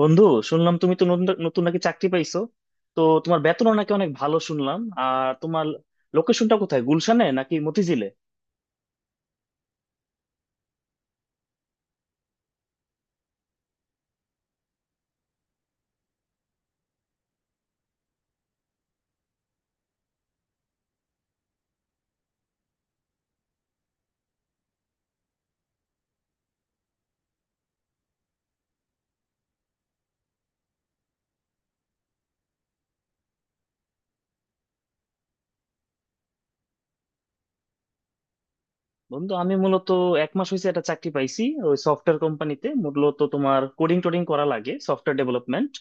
বন্ধু, শুনলাম তুমি তো নতুন নতুন নাকি চাকরি পাইছো। তো তোমার বেতনও নাকি অনেক ভালো শুনলাম। আর তোমার লোকেশনটা কোথায়, গুলশানে নাকি মতিঝিলে? বন্ধু আমি মূলত 1 মাস হয়েছে একটা চাকরি পাইছি। ওই সফটওয়্যার কোম্পানিতে, মূলত তোমার কোডিং টোডিং করা লাগে, সফটওয়্যার ডেভেলপমেন্ট।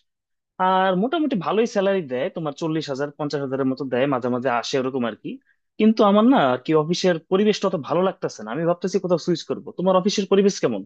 আর মোটামুটি ভালোই স্যালারি দেয়, তোমার 40,000 50,000 এর মতো দেয় মাঝে মাঝে আসে ওরকম আর কি। কিন্তু আমার না আর কি অফিসের পরিবেশটা অত ভালো লাগতেছে না, আমি ভাবতেছি কোথাও সুইচ করবো। তোমার অফিসের পরিবেশ কেমন?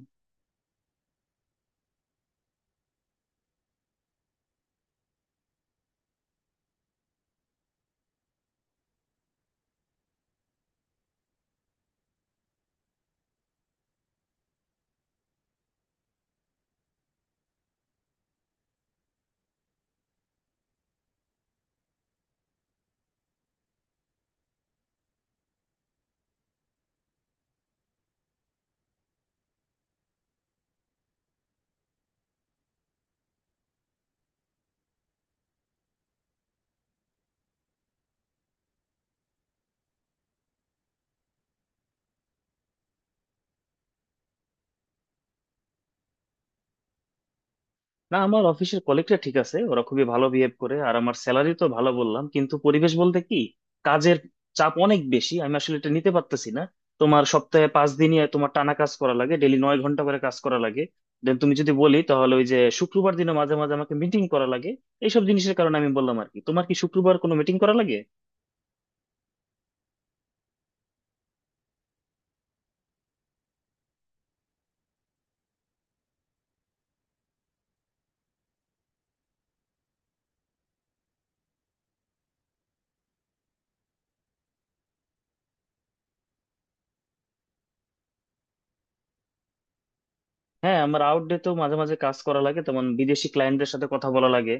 না, আমার অফিসের কলিগটা ঠিক আছে, ওরা খুবই ভালো বিহেভ করে, আর আমার স্যালারি তো ভালো বললাম, কিন্তু পরিবেশ বলতে কি, কাজের চাপ অনেক বেশি, আমি আসলে এটা নিতে পারতেছি না। তোমার সপ্তাহে 5 দিনই তোমার টানা কাজ করা লাগে, ডেলি 9 ঘন্টা করে কাজ করা লাগে। দেন তুমি যদি বলি তাহলে ওই যে শুক্রবার দিনে মাঝে মাঝে আমাকে মিটিং করা লাগে। এইসব জিনিসের কারণে আমি বললাম আর কি। তোমার কি শুক্রবার কোনো মিটিং করা লাগে? হ্যাঁ, আমার আউটডে তো মাঝে মাঝে কাজ করা লাগে তেমন, বিদেশি ক্লায়েন্টদের সাথে কথা বলা লাগে।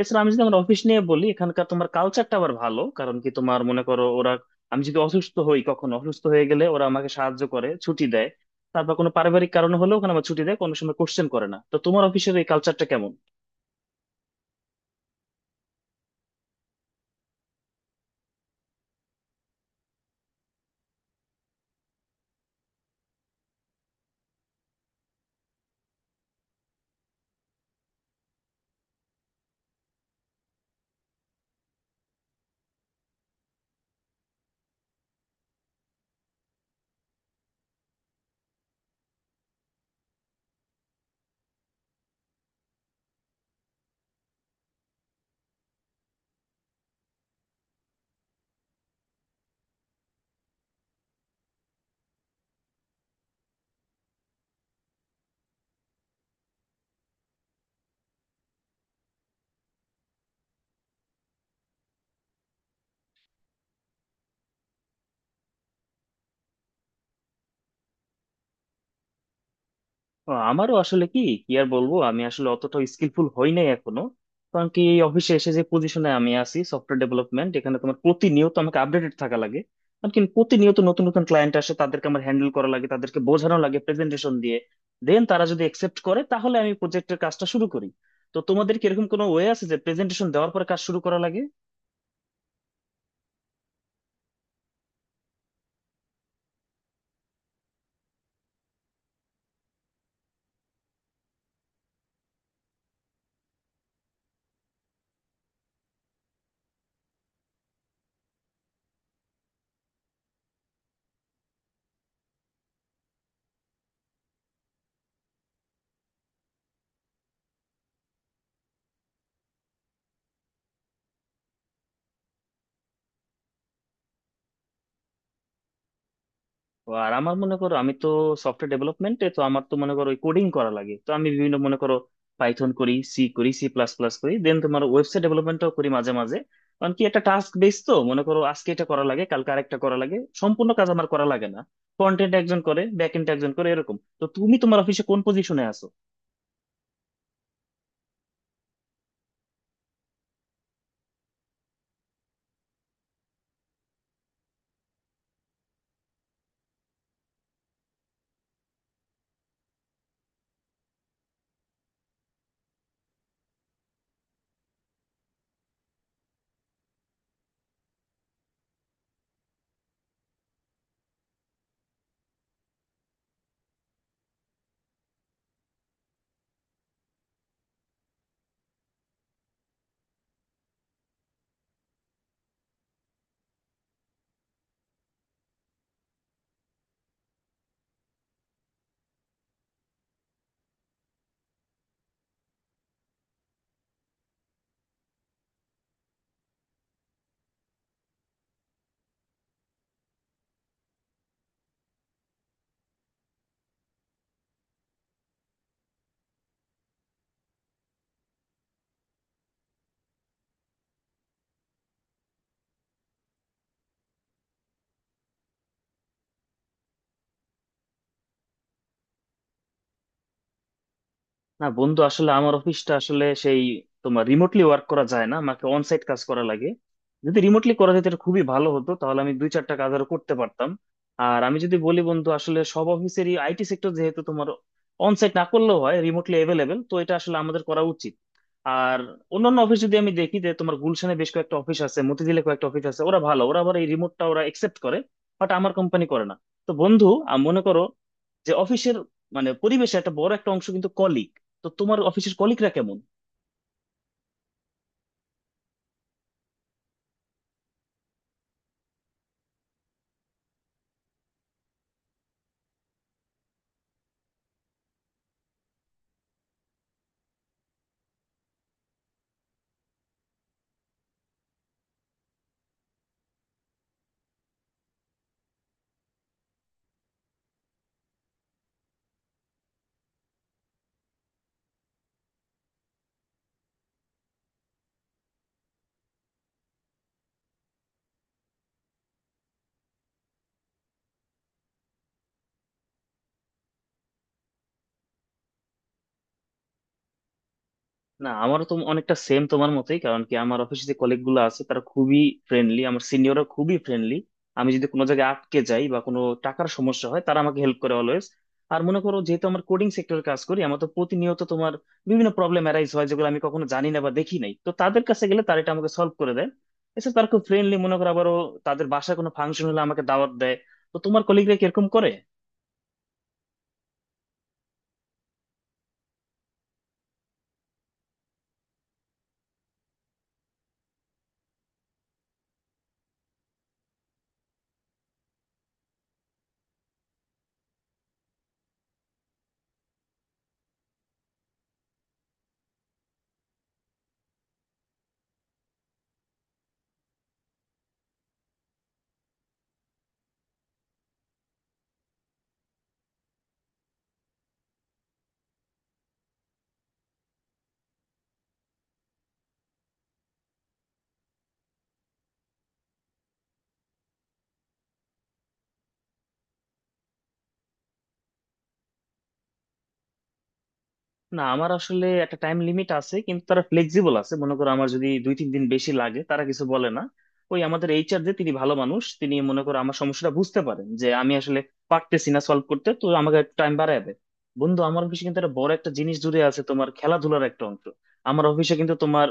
এছাড়া আমি যদি আমার অফিস নিয়ে বলি, এখানকার তোমার কালচারটা আবার ভালো। কারণ কি, তোমার মনে করো ওরা, আমি যদি অসুস্থ হই কখনো, অসুস্থ হয়ে গেলে ওরা আমাকে সাহায্য করে, ছুটি দেয়। তারপর কোনো পারিবারিক কারণ হলেও ওখানে আমার ছুটি দেয়, কোনো সময় কোশ্চেন করে না। তো তোমার অফিসের এই কালচারটা কেমন? ও, আমারও আসলে কি কি আর বলবো, আমি আসলে অতটা স্কিলফুল হই নাই এখনো। কারণ কি এই অফিসে এসে যে পজিশনে আমি আছি, সফটওয়্যার ডেভেলপমেন্ট, এখানে তোমার প্রতিনিয়ত আমাকে আপডেটেড থাকা লাগে। কারণ কি প্রতিনিয়ত নতুন নতুন ক্লায়েন্ট আসে, তাদেরকে আমার হ্যান্ডেল করা লাগে, তাদেরকে বোঝানো লাগে প্রেজেন্টেশন দিয়ে। দেন তারা যদি একসেপ্ট করে তাহলে আমি প্রজেক্টের কাজটা শুরু করি। তো তোমাদের কি এরকম কোনো ওয়ে আছে যে প্রেজেন্টেশন দেওয়ার পরে কাজ শুরু করা লাগে? ও আর আমার মনে করো আমি তো সফটওয়্যার ডেভেলপমেন্টে, তো আমার তো মনে করো কোডিং করা লাগে। তো আমি বিভিন্ন, মনে করো, পাইথন করি, সি করি, সি প্লাস প্লাস করি, দেন তোমার ওয়েবসাইট ডেভেলপমেন্টও করি মাঝে মাঝে। কারণ কি একটা টাস্ক বেস, তো মনে করো আজকে এটা করা লাগে, কালকে আরেকটা করা লাগে। সম্পূর্ণ কাজ আমার করা লাগে না, ফ্রন্ট এন্ড একজন করে, ব্যাক এন্ড একজন করে, এরকম। তো তুমি তোমার অফিসে কোন পজিশনে আছো? না বন্ধু, আসলে আমার অফিসটা আসলে সেই, তোমার রিমোটলি ওয়ার্ক করা যায় না, আমাকে অন সাইট কাজ করা লাগে। যদি রিমোটলি করা যেত এটা খুবই ভালো হতো, তাহলে আমি দুই চারটা কাজ আরো করতে পারতাম। আর আমি যদি বলি বন্ধু, আসলে সব অফিসেরই আইটি সেক্টর যেহেতু তোমার, অন সাইট না করলেও হয়, রিমোটলি অ্যাভেলেবেল, তো এটা আসলে আমাদের করা উচিত। আর অন্যান্য অফিস যদি আমি দেখি, যে তোমার গুলশানে বেশ কয়েকটা অফিস আছে, মতিঝিলে কয়েকটা অফিস আছে, ওরা ভালো, ওরা আবার এই রিমোটটা ওরা একসেপ্ট করে। বাট আমার কোম্পানি করে না। তো বন্ধু মনে করো যে অফিসের, মানে পরিবেশে একটা বড় একটা অংশ কিন্তু কলিগ। তো তোমার অফিসের কলিগরা কেমন? না আমারও তো অনেকটা সেম তোমার মতোই। কারণ কি আমার অফিসে যে কলিগ গুলো আছে তারা খুবই ফ্রেন্ডলি, আমার সিনিয়ররা খুবই ফ্রেন্ডলি। আমি যদি কোনো জায়গায় আটকে যাই বা কোনো টাকার সমস্যা হয়, তারা আমাকে হেল্প করে অলওয়েজ। আর মনে করো যেহেতু আমার কোডিং সেক্টরে কাজ করি, আমার তো প্রতিনিয়ত তোমার বিভিন্ন প্রবলেম অ্যারাইজ হয় যেগুলো আমি কখনো জানি না বা দেখি নাই। তো তাদের কাছে গেলে তারা এটা আমাকে সলভ করে দেয়। এছাড়া তারা খুব ফ্রেন্ডলি, মনে করো আবারও, তাদের বাসায় কোনো ফাংশন হলে আমাকে দাওয়াত দেয়। তো তোমার কলিগরা কিরকম করে? না আমার আসলে একটা টাইম লিমিট আছে, কিন্তু তারা ফ্লেক্সিবল আছে। মনে করো আমার যদি দুই তিন দিন বেশি লাগে তারা কিছু বলে না। ওই আমাদের এইচআর যে, তিনি ভালো মানুষ, তিনি মনে করো আমার সমস্যাটা বুঝতে পারেন, যে আমি আসলে পারতেছি না সলভ করতে, তো আমাকে টাইম বাড়ায় দেয়। বন্ধু আমার অফিসে কিন্তু একটা বড় একটা জিনিস জুড়ে আছে, তোমার খেলাধুলার একটা অংশ। আমার অফিসে কিন্তু তোমার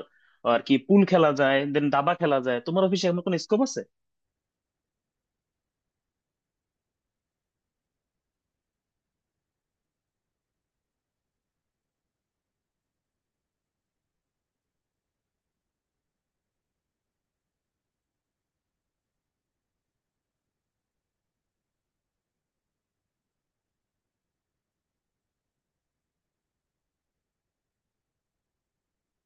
আর কি পুল খেলা যায়, দেন দাবা খেলা যায়। তোমার অফিসে এমন কোনো স্কোপ আছে?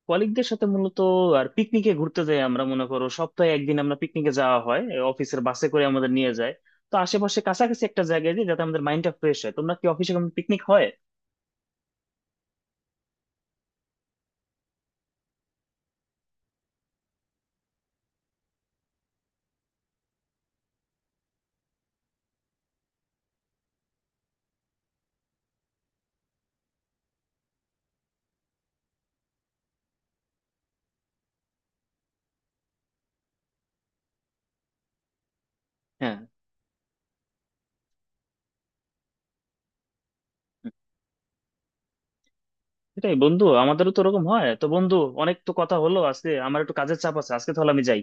কলিগদের সাথে মূলত আর পিকনিকে ঘুরতে যাই আমরা, মনে করো সপ্তাহে একদিন আমরা পিকনিকে যাওয়া হয়, এ অফিসের বাসে করে আমাদের নিয়ে যায়। তো আশেপাশে কাছাকাছি একটা জায়গায় যাই, যাতে আমাদের মাইন্ডটা ফ্রেশ হয়। তোমরা কি অফিসে কোনো পিকনিক হয়? হ্যাঁ, সেটাই বন্ধু, আমাদেরও তো ওরকম হয়। তো বন্ধু অনেক তো কথা হলো আজকে, আমার একটু কাজের চাপ আছে আজকে, তাহলে আমি যাই।